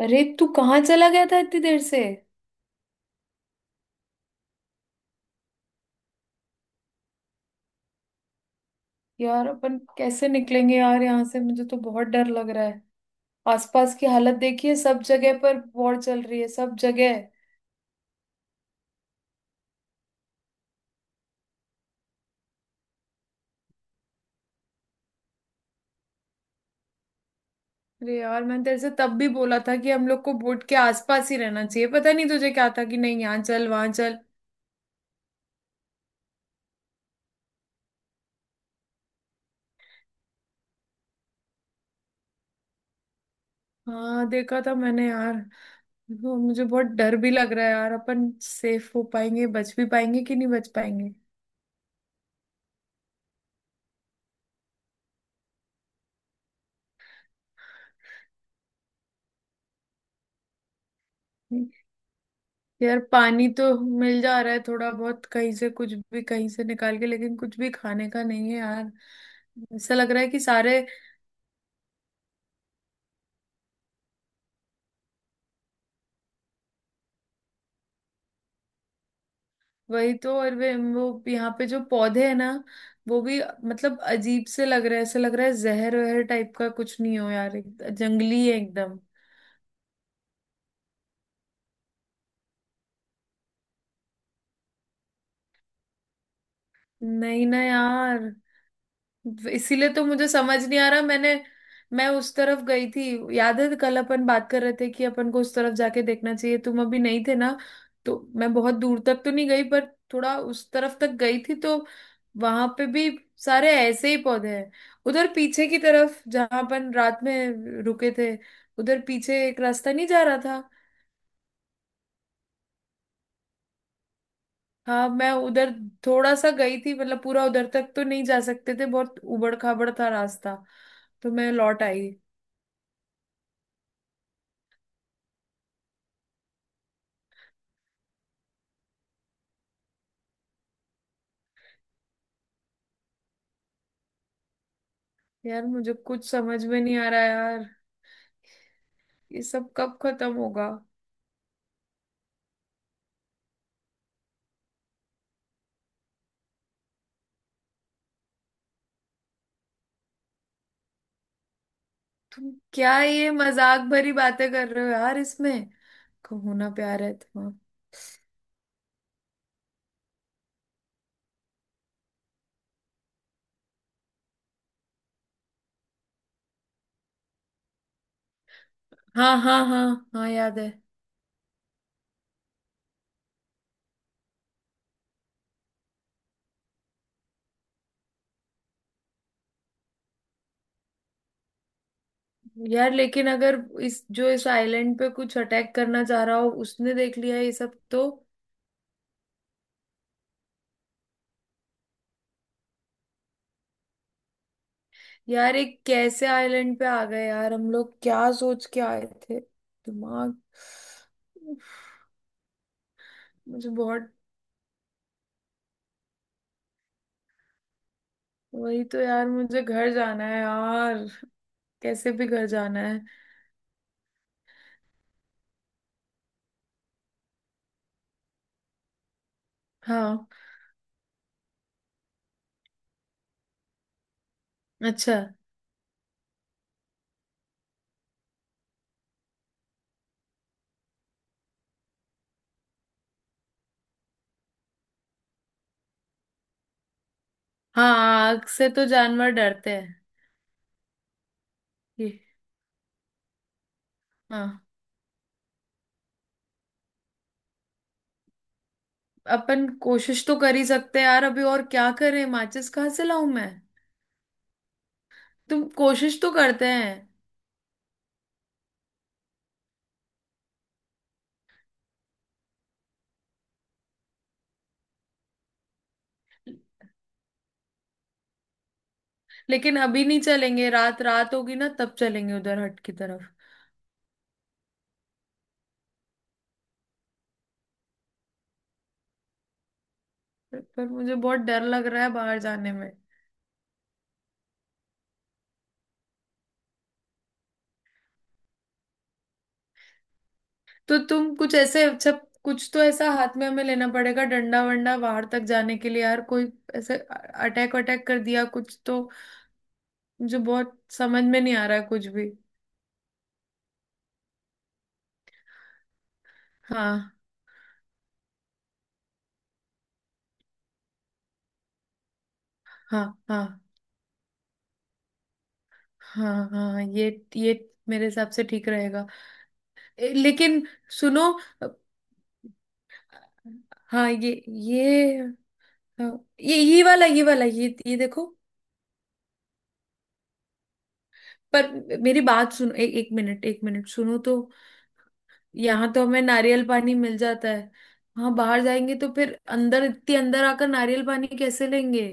अरे तू कहाँ चला गया था इतनी देर से? यार अपन कैसे निकलेंगे यार यहाँ से? मुझे तो बहुत डर लग रहा है। आसपास की हालत देखिए। सब जगह पर वॉर चल रही है सब जगह। अरे यार मैंने तेरे से तब भी बोला था कि हम लोग को बोट के आसपास ही रहना चाहिए। पता नहीं तुझे क्या था कि नहीं, यहाँ चल वहां चल। हाँ, देखा था मैंने यार। वो मुझे बहुत डर भी लग रहा है यार। अपन सेफ हो पाएंगे? बच भी पाएंगे कि नहीं बच पाएंगे? यार पानी तो मिल जा रहा है थोड़ा बहुत, कहीं से कुछ भी कहीं से निकाल के, लेकिन कुछ भी खाने का नहीं है यार। ऐसा लग रहा है कि सारे। वही तो। और वे वो यहाँ पे जो पौधे हैं ना, वो भी। मतलब अजीब से लग रहा है। ऐसा लग रहा है जहर वहर टाइप का कुछ नहीं हो यार। जंगली है एकदम। नहीं ना यार। इसीलिए तो मुझे समझ नहीं आ रहा। मैं उस तरफ गई थी। याद है कल अपन बात कर रहे थे कि अपन को उस तरफ जाके देखना चाहिए? तुम अभी नहीं थे ना। तो मैं बहुत दूर तक तो नहीं गई पर थोड़ा उस तरफ तक गई थी। तो वहां पे भी सारे ऐसे ही पौधे हैं। उधर पीछे की तरफ जहां अपन रात में रुके थे। उधर पीछे एक रास्ता नहीं जा रहा था? हाँ मैं उधर थोड़ा सा गई थी। मतलब पूरा उधर तक तो नहीं जा सकते थे, बहुत उबड़ खाबड़ था रास्ता। तो मैं लौट आई। यार मुझे कुछ समझ में नहीं आ रहा यार। ये सब कब खत्म होगा? तुम क्या ये मजाक भरी बातें कर रहे हो यार इसमें? कहूँ ना प्यार है तुम्हारा। हाँ हाँ हाँ हाँ, याद है। यार लेकिन अगर इस जो इस आइलैंड पे कुछ अटैक करना चाह रहा हो, उसने देख लिया ये सब तो। यार एक कैसे आइलैंड पे आ गए यार हम लोग? क्या सोच के आए थे दिमाग। उफ। मुझे बहुत। वही तो यार, मुझे घर जाना है यार। कैसे भी घर जाना है। हाँ। अच्छा। हाँ, आग से तो जानवर डरते हैं। ये। हाँ, अपन कोशिश तो कर ही सकते हैं यार। अभी और क्या करें? माचिस कहाँ से लाऊं मैं? तुम कोशिश तो करते हैं। लेकिन अभी नहीं चलेंगे। रात, रात होगी ना तब चलेंगे उधर हट की तरफ। पर मुझे बहुत डर लग रहा है बाहर जाने में। तो तुम कुछ ऐसे अच्छा, कुछ तो ऐसा हाथ में हमें लेना पड़ेगा। डंडा वंडा बाहर तक जाने के लिए यार। कोई ऐसे अटैक अटैक कर दिया कुछ तो। मुझे बहुत समझ में नहीं आ रहा है कुछ भी। हाँ हाँ हाँ हाँ हाँ। ये मेरे हिसाब से ठीक रहेगा। लेकिन सुनो। अ, हाँ, ये। हाँ, ये वाला ये वाला ये देखो। पर मेरी बात सुनो। एक मिनट सुनो तो। यहाँ तो हमें नारियल पानी मिल जाता है। वहाँ बाहर जाएंगे तो फिर अंदर, इतनी अंदर आकर नारियल पानी कैसे लेंगे?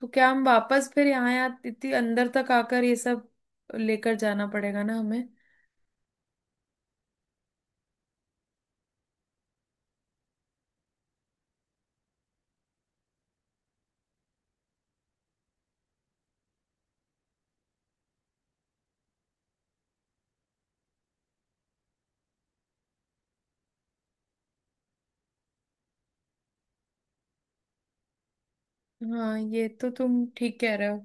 तो क्या हम वापस फिर यहाँ यहाँ इतनी अंदर तक आकर ये सब लेकर जाना पड़ेगा ना हमें? हाँ, ये तो तुम ठीक कह रहे हो।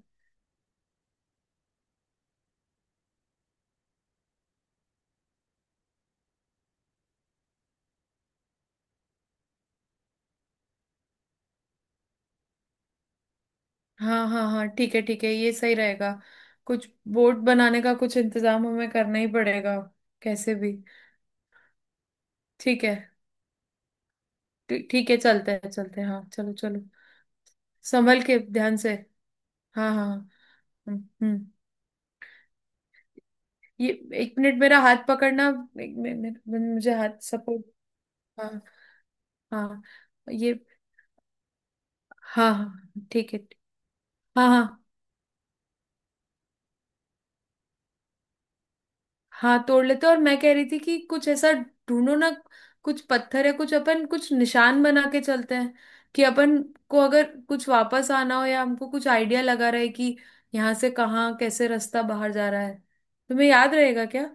हाँ हाँ हाँ, ठीक है ठीक है, ये सही रहेगा। कुछ बोर्ड बनाने का कुछ इंतजाम हमें करना ही पड़ेगा, कैसे भी। ठीक है। ठीक है, चलते हैं चलते हैं, हाँ चलो चलो। संभल के ध्यान से। हाँ हाँ हाँ। हम्म। हम्म। ये, एक मिनट मेरा हाथ पकड़ना। एक मिनट मुझे हाथ सपोर्ट। हाँ हाँ ये। हाँ हाँ ठीक है। हाँ हाँ हाँ, तोड़ लेते हैं। और मैं कह रही थी कि कुछ ऐसा ढूंढो ना। कुछ पत्थर है, कुछ अपन कुछ निशान बना के चलते हैं, कि अपन को अगर कुछ वापस आना हो या हमको कुछ आइडिया लगा रहे कि यहाँ से कहाँ कैसे रास्ता बाहर जा रहा है। तुम्हें याद रहेगा क्या?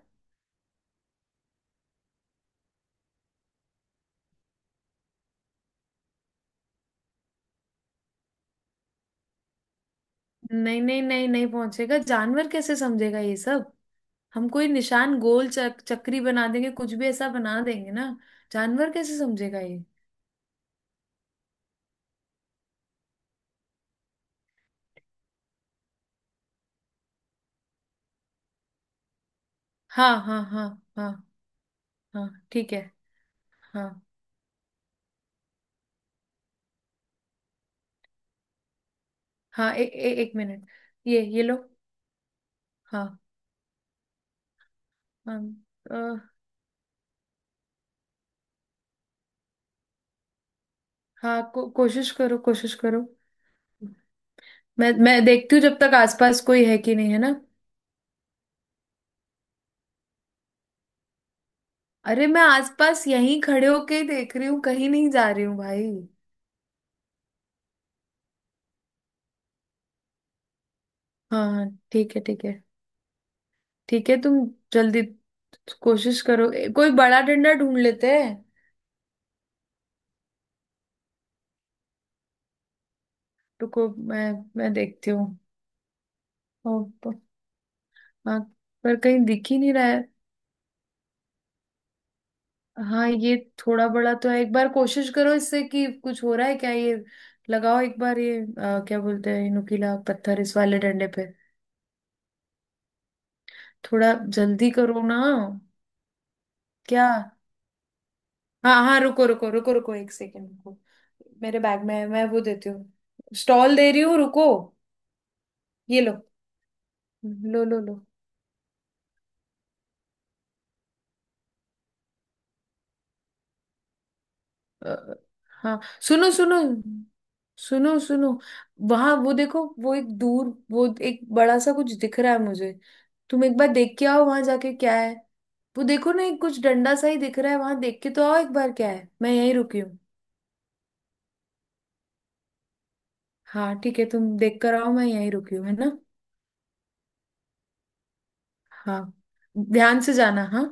नहीं नहीं नहीं नहीं पहुंचेगा। जानवर कैसे समझेगा ये सब? हम कोई निशान गोल चक्री बना देंगे, कुछ भी ऐसा बना देंगे ना। जानवर कैसे समझेगा ये? हाँ हाँ हाँ हाँ हाँ, ठीक है। हाँ हाँ ए, ए, एक मिनट। ये लो। हाँ हाँ। अ, हाँ। कोशिश करो, कोशिश करो। मैं देखती हूँ जब तक आसपास कोई है कि नहीं है ना। अरे मैं आसपास यहीं खड़े होके ही देख रही हूँ, कहीं नहीं जा रही हूँ भाई। हाँ हाँ ठीक है ठीक है। ठीक है। तुम जल्दी कोशिश करो। कोई बड़ा डंडा ढूंढ लेते हैं। रुको, मैं देखती हूँ। ओ, प- हाँ। पर कहीं दिख ही नहीं रहा है। हाँ ये थोड़ा बड़ा तो है। एक बार कोशिश करो इससे कि कुछ हो रहा है क्या ये। लगाओ एक बार ये, क्या बोलते हैं, ये नुकीला पत्थर इस वाले डंडे पे। थोड़ा जल्दी करो ना। क्या? हाँ हाँ, रुको रुको रुको रुको, एक सेकेंड रुको। मेरे बैग में है, मैं वो देती हूँ। स्टॉल दे रही हूँ, रुको। ये लो। लो लो लो। अ, हाँ। सुनो सुनो। सुनो सुनो, वहां वो देखो। वो एक दूर, वो एक बड़ा सा कुछ दिख रहा है मुझे। तुम एक बार देख के आओ वहां जाके क्या है। वो देखो ना, एक कुछ डंडा सा ही दिख रहा है वहां। देख के तो आओ एक बार क्या है, मैं यहीं रुकी हूँ। हाँ ठीक है, तुम देख कर आओ, मैं यहीं रुकी हूँ है ना। हाँ, ध्यान से जाना हाँ।